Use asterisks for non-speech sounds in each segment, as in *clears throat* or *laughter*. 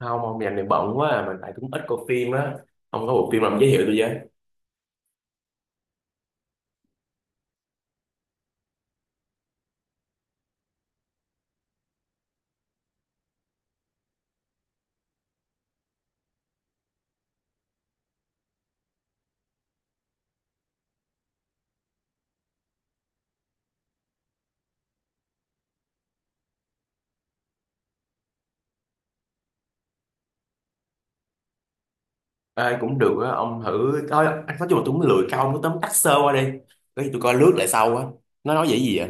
Không, ông dành này bận quá à. Mà tại cũng ít coi phim á. Ông có bộ phim nào ông giới thiệu tôi với. Ai cũng được á, ông thử coi. Anh nói chung là tôi cũng lười coi, ông cứ tóm tắt sơ qua đi. Cái gì tôi coi lướt lại sau á. Nó nói về cái gì vậy?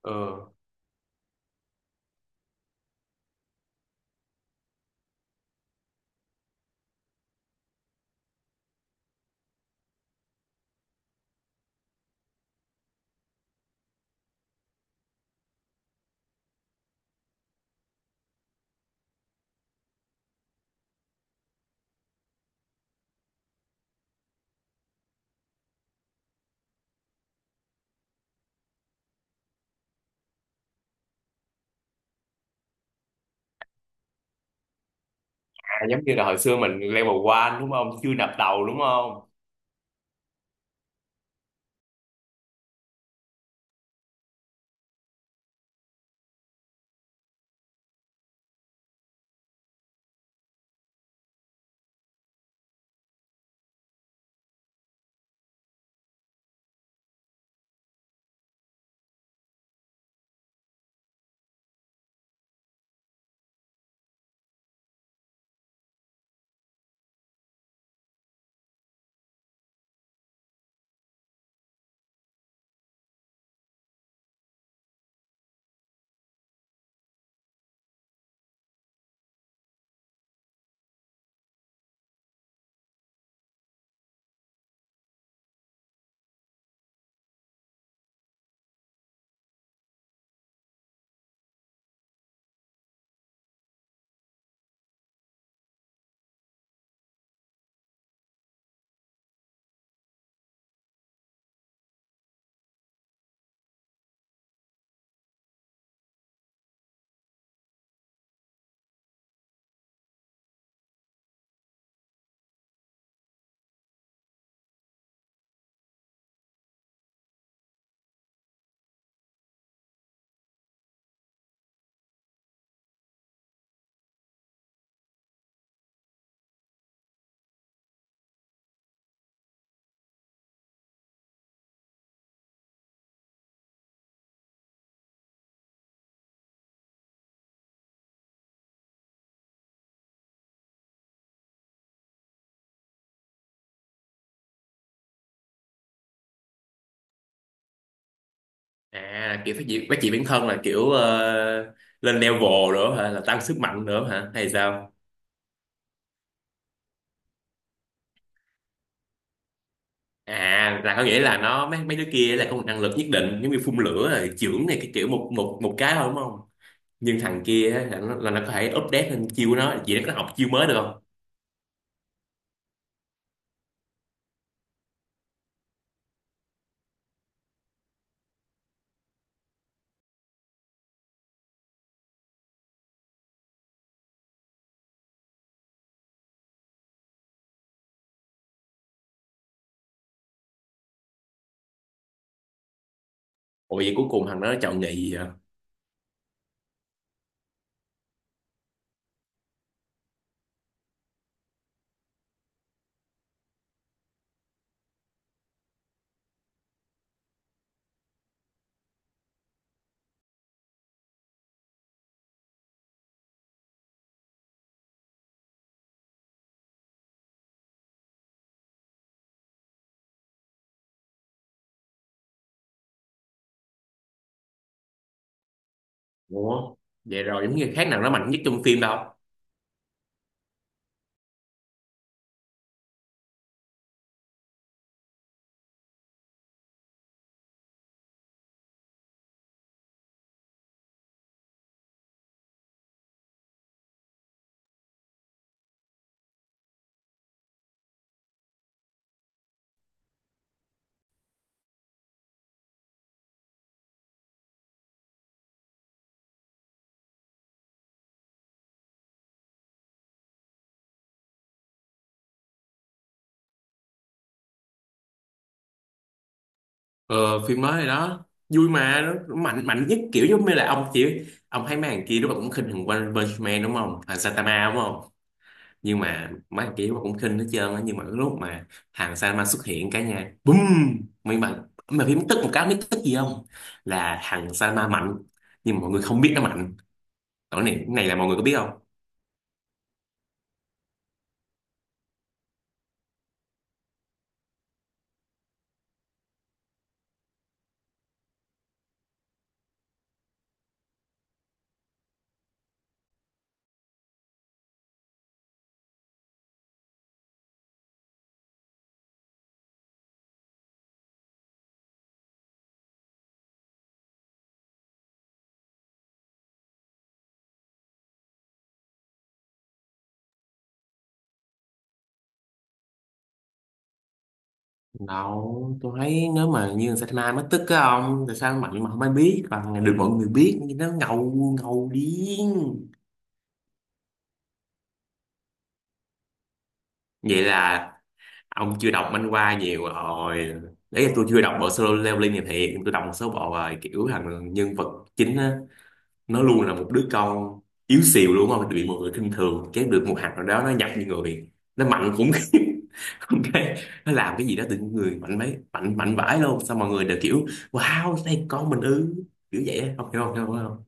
Ờ, giống như là hồi xưa mình level one đúng không, chưa nạp đầu đúng không? À, kiểu phát triển bản thân là kiểu, lên level nữa hả, là tăng sức mạnh nữa hả hay sao? À, là có nghĩa là nó, mấy mấy đứa kia là có một năng lực nhất định, giống như phun lửa rồi chưởng này, cái kiểu một một một cái thôi đúng không? Nhưng thằng kia á, là nó có thể update lên chiêu của nó, chỉ nó có học chiêu mới được không? Ủa vậy cuối cùng thằng đó nó chọn nghị vậy à? Ủa vậy rồi giống như khác nào nó mạnh nhất trong phim đâu. Ờ phim mới rồi đó vui mà nó mạnh, mạnh nhất kiểu giống như là ông chỉ, ông thấy mấy thằng kia lúc nào cũng khinh thằng One Punch Man đúng không, thằng Saitama đúng không? Nhưng mà mấy thằng kia lúc nào cũng khinh hết trơn á, nhưng mà cái lúc mà thằng Saitama xuất hiện cả nhà, bùm. Mình mà phim tức một cái, biết tức gì không? Là thằng Saitama mạnh nhưng mà mọi người không biết nó mạnh. Cái này, cái này là mọi người có biết không? Đâu tôi thấy nếu mà như Saitama Mai mất tích á ông, tại sao mạnh mà không ai biết, còn được mọi người biết nhưng nó ngầu, ngầu điên. Vậy là ông chưa đọc manh hoa nhiều rồi. Đấy là tôi chưa đọc bộ solo leveling này thiệt. Tôi đọc một số bộ rồi, kiểu thằng nhân vật chính á, nó luôn là một đứa con yếu xìu đúng không, bị mọi người khinh thường, cái được một hạt nào đó nó nhập như người, nó mạnh khủng khiếp. *laughs* Không, cái nó làm cái gì đó tự nhiên người mạnh mấy, mạnh mạnh vãi luôn, xong mọi người đều kiểu wow đây con mình ư, kiểu vậy á. Không hiểu, không hiểu không?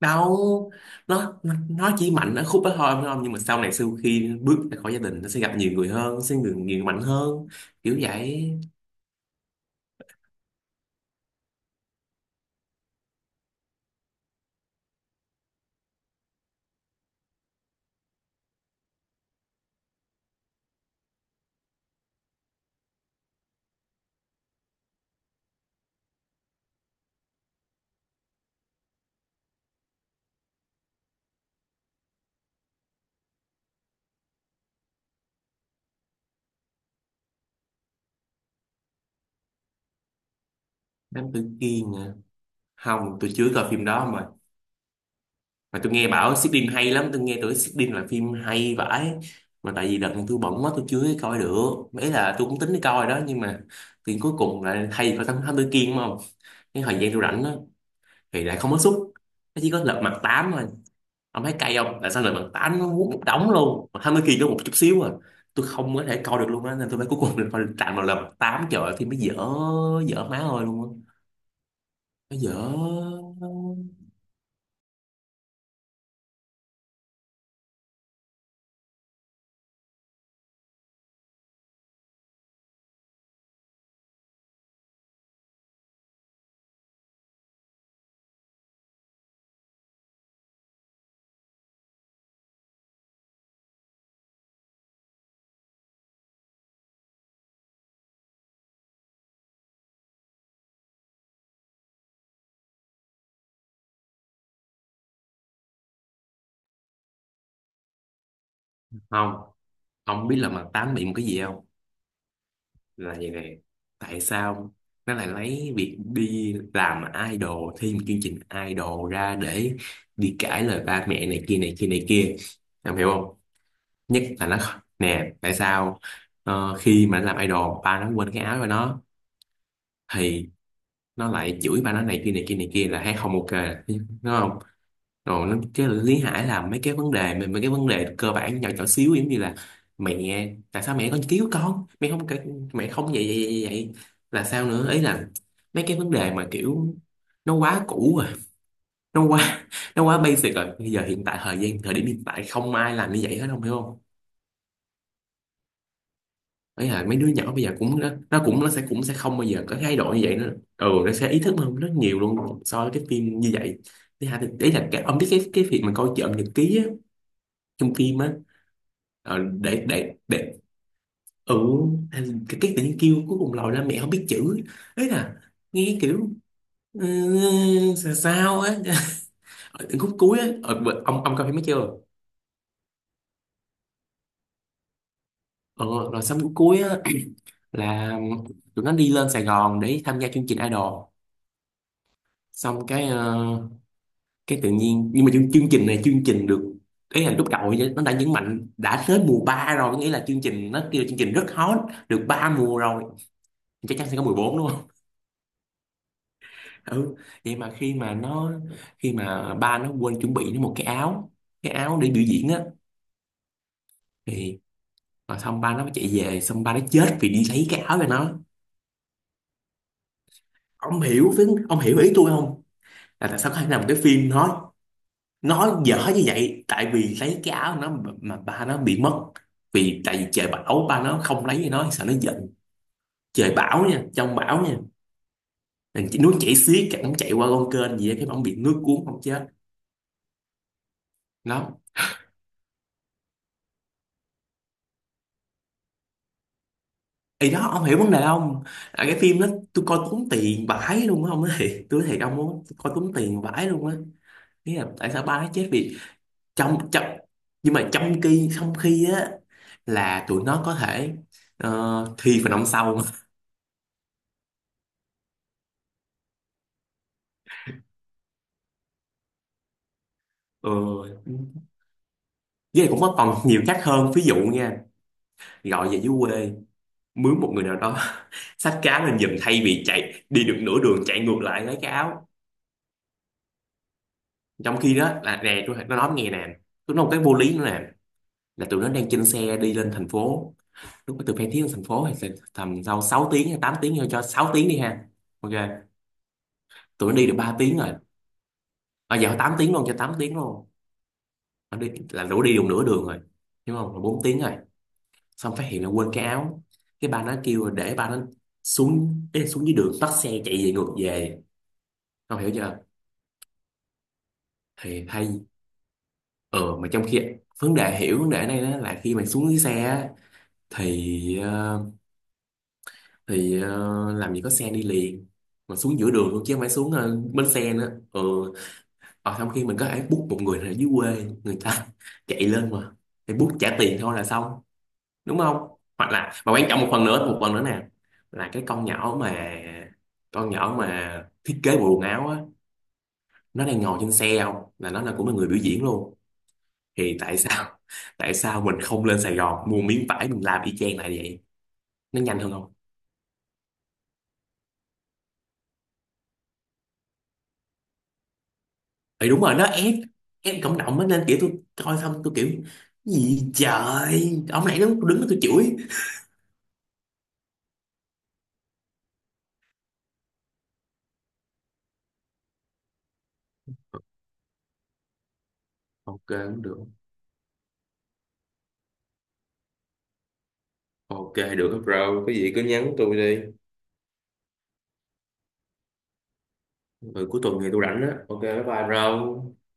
Đâu, nó chỉ mạnh ở khúc đó thôi phải không, nhưng mà sau này sau khi bước ra khỏi gia đình nó sẽ gặp nhiều người hơn, sẽ người nhiều người mạnh hơn, kiểu vậy. Đám tử kiên à? Không, tôi chưa coi phim đó mà. Mà tôi nghe bảo Sydney hay lắm, tôi nghe tưởng Sydney là phim hay vãi. Mà tại vì đợt này tôi bận quá tôi chưa coi được mấy, là tôi cũng tính đi coi đó nhưng mà thì cuối cùng là thay phải thám thám tử Kiên đúng không. Cái thời gian tôi rảnh đó thì lại không có suất, nó chỉ có lật mặt tám thôi. Ông thấy cay không, tại sao lật mặt tám nó muốn một đống luôn mà thám tử Kiên có một chút xíu à. Tôi không có thể coi được luôn á, nên tôi mới cuối cùng *laughs* là phải tạm vào lật mặt tám. Trời ơi phim nó dở, dở má ơi luôn á. Nó dở. Không, ông biết lật mặt tám bị một cái gì không? Là vậy này, tại sao nó lại lấy việc đi làm idol, thi một chương trình idol ra để đi cãi lời ba mẹ này kia này kia này kia, em hiểu không? Nhất là nó, nè tại sao, khi mà nó làm idol ba nó quên cái áo của nó, thì nó lại chửi ba nó này kia này kia này kia, là thấy không ok đúng không? Rồi nó, cái Lý Hải là mấy cái vấn đề mà, mấy cái vấn đề cơ bản nhỏ nhỏ xíu giống như là mẹ tại sao mẹ con cứu con mẹ không kể, mẹ không vậy vậy vậy, vậy. Là sao nữa, ấy là mấy cái vấn đề mà kiểu, nó quá cũ rồi, nó quá nó quá basic rồi. Bây giờ hiện tại, thời gian thời điểm hiện tại không ai làm như vậy hết, không hiểu không? Ấy là mấy đứa nhỏ bây giờ cũng nó cũng, nó sẽ cũng sẽ không bao giờ có thái độ như vậy nữa. Ừ, nó sẽ ý thức hơn rất nhiều luôn so với cái phim như vậy. Thứ hai thì, ý là cái, ông biết cái việc mà coi trộm nhật ký á, trong phim á. Ờ, để để. Ừ, hay, cái tự nhiên kêu cuối cùng lòi ra mẹ không biết chữ, ấy là nghe kiểu, ừ, sao sao á. *laughs* Ở khúc cuối á, ông coi phim mới chưa? Ờ, rồi xong khúc cuối á. *clears throat* Là tụi nó đi lên Sài Gòn để tham gia chương trình Idol, xong cái cái tự nhiên, nhưng mà chương trình này chương trình được, ấy là lúc đầu ấy nó đã nhấn mạnh đã tới mùa 3 rồi, có nghĩa là chương trình nó kêu là chương trình rất hot, được 3 mùa rồi chắc chắn sẽ có mùa 4 đúng. Ừ, vậy mà khi mà ba nó quên chuẩn bị nó một cái áo, cái áo để biểu diễn á, thì mà xong ba nó chạy về, xong ba nó chết vì đi lấy cái áo cho nó. Ông hiểu, với ông hiểu ý tôi không? Là tại sao có thể làm cái phim nói dở như vậy, tại vì lấy cái áo nó, mà ba nó bị mất, vì tại vì trời bão, ba nó không lấy cho nó sợ nó giận, trời bão nha, trong bão nha. Thì nó chạy xiết, nó chạy qua con kênh gì á, cái ông bị nước cuốn không chết. Nó, thì đó ông hiểu vấn đề không? À, cái phim đó tôi coi tốn tiền vãi luôn á ông nói. *laughs* Tôi nói thiệt ông, muốn coi tốn tiền vãi luôn á. Nghĩa là tại sao ba nó chết vì, trong trong nhưng mà trong khi á là tụi nó có thể thi phần năm sau. *laughs* Ừ. Với lại cũng có còn nhiều cách hơn, ví dụ nha, gọi về dưới quê mướn một người nào đó *laughs* xách cái áo lên giùm, thay vì chạy đi được nửa đường chạy ngược lại lấy cái áo. Trong khi đó là nè tôi nó nói nghe nè, tôi nói một cái vô lý nữa nè, là tụi nó đang trên xe đi lên thành phố, lúc mà từ Phan Thiết lên thành phố thì sẽ tầm sau 6 tiếng hay 8 tiếng, cho 6 tiếng đi ha. Ok, tụi nó đi được 3 tiếng rồi. À, giờ 8 tiếng luôn, cho 8 tiếng luôn, nó đi là đủ đi được nửa đường rồi, đúng không, là 4 tiếng rồi. Xong phát hiện là quên cái áo, cái ba nó kêu để ba nó xuống, ý là xuống dưới đường bắt xe chạy về ngược về, không hiểu chưa? Thì hay, ờ mà trong khi vấn đề, hiểu vấn đề này đó là khi mà xuống dưới xe á, thì làm gì có xe đi liền, mà xuống giữa đường luôn chứ không phải xuống bến xe nữa. Ừ. Ở trong khi mình có thể book một người ở dưới quê người ta *laughs* chạy lên mà, thì book trả tiền thôi là xong đúng không? Hoặc là mà quan trọng, một phần nữa nè, là cái con nhỏ mà, con nhỏ mà thiết kế bộ quần áo á, nó đang ngồi trên xe, không là nó là cũng là người biểu diễn luôn, thì tại sao *laughs* tại sao mình không lên Sài Gòn mua miếng vải mình làm y chang lại, vậy nó nhanh hơn không? Thì đúng rồi nó ép, ép cộng đồng á, nên kiểu tôi coi xong tôi kiểu gì trời, ông này nó đứng đó tôi chửi. Ok cũng được, ok được bro, cái gì cứ nhắn tôi đi. Ừ, cuối tuần thì tôi rảnh á, ok bye bye bro.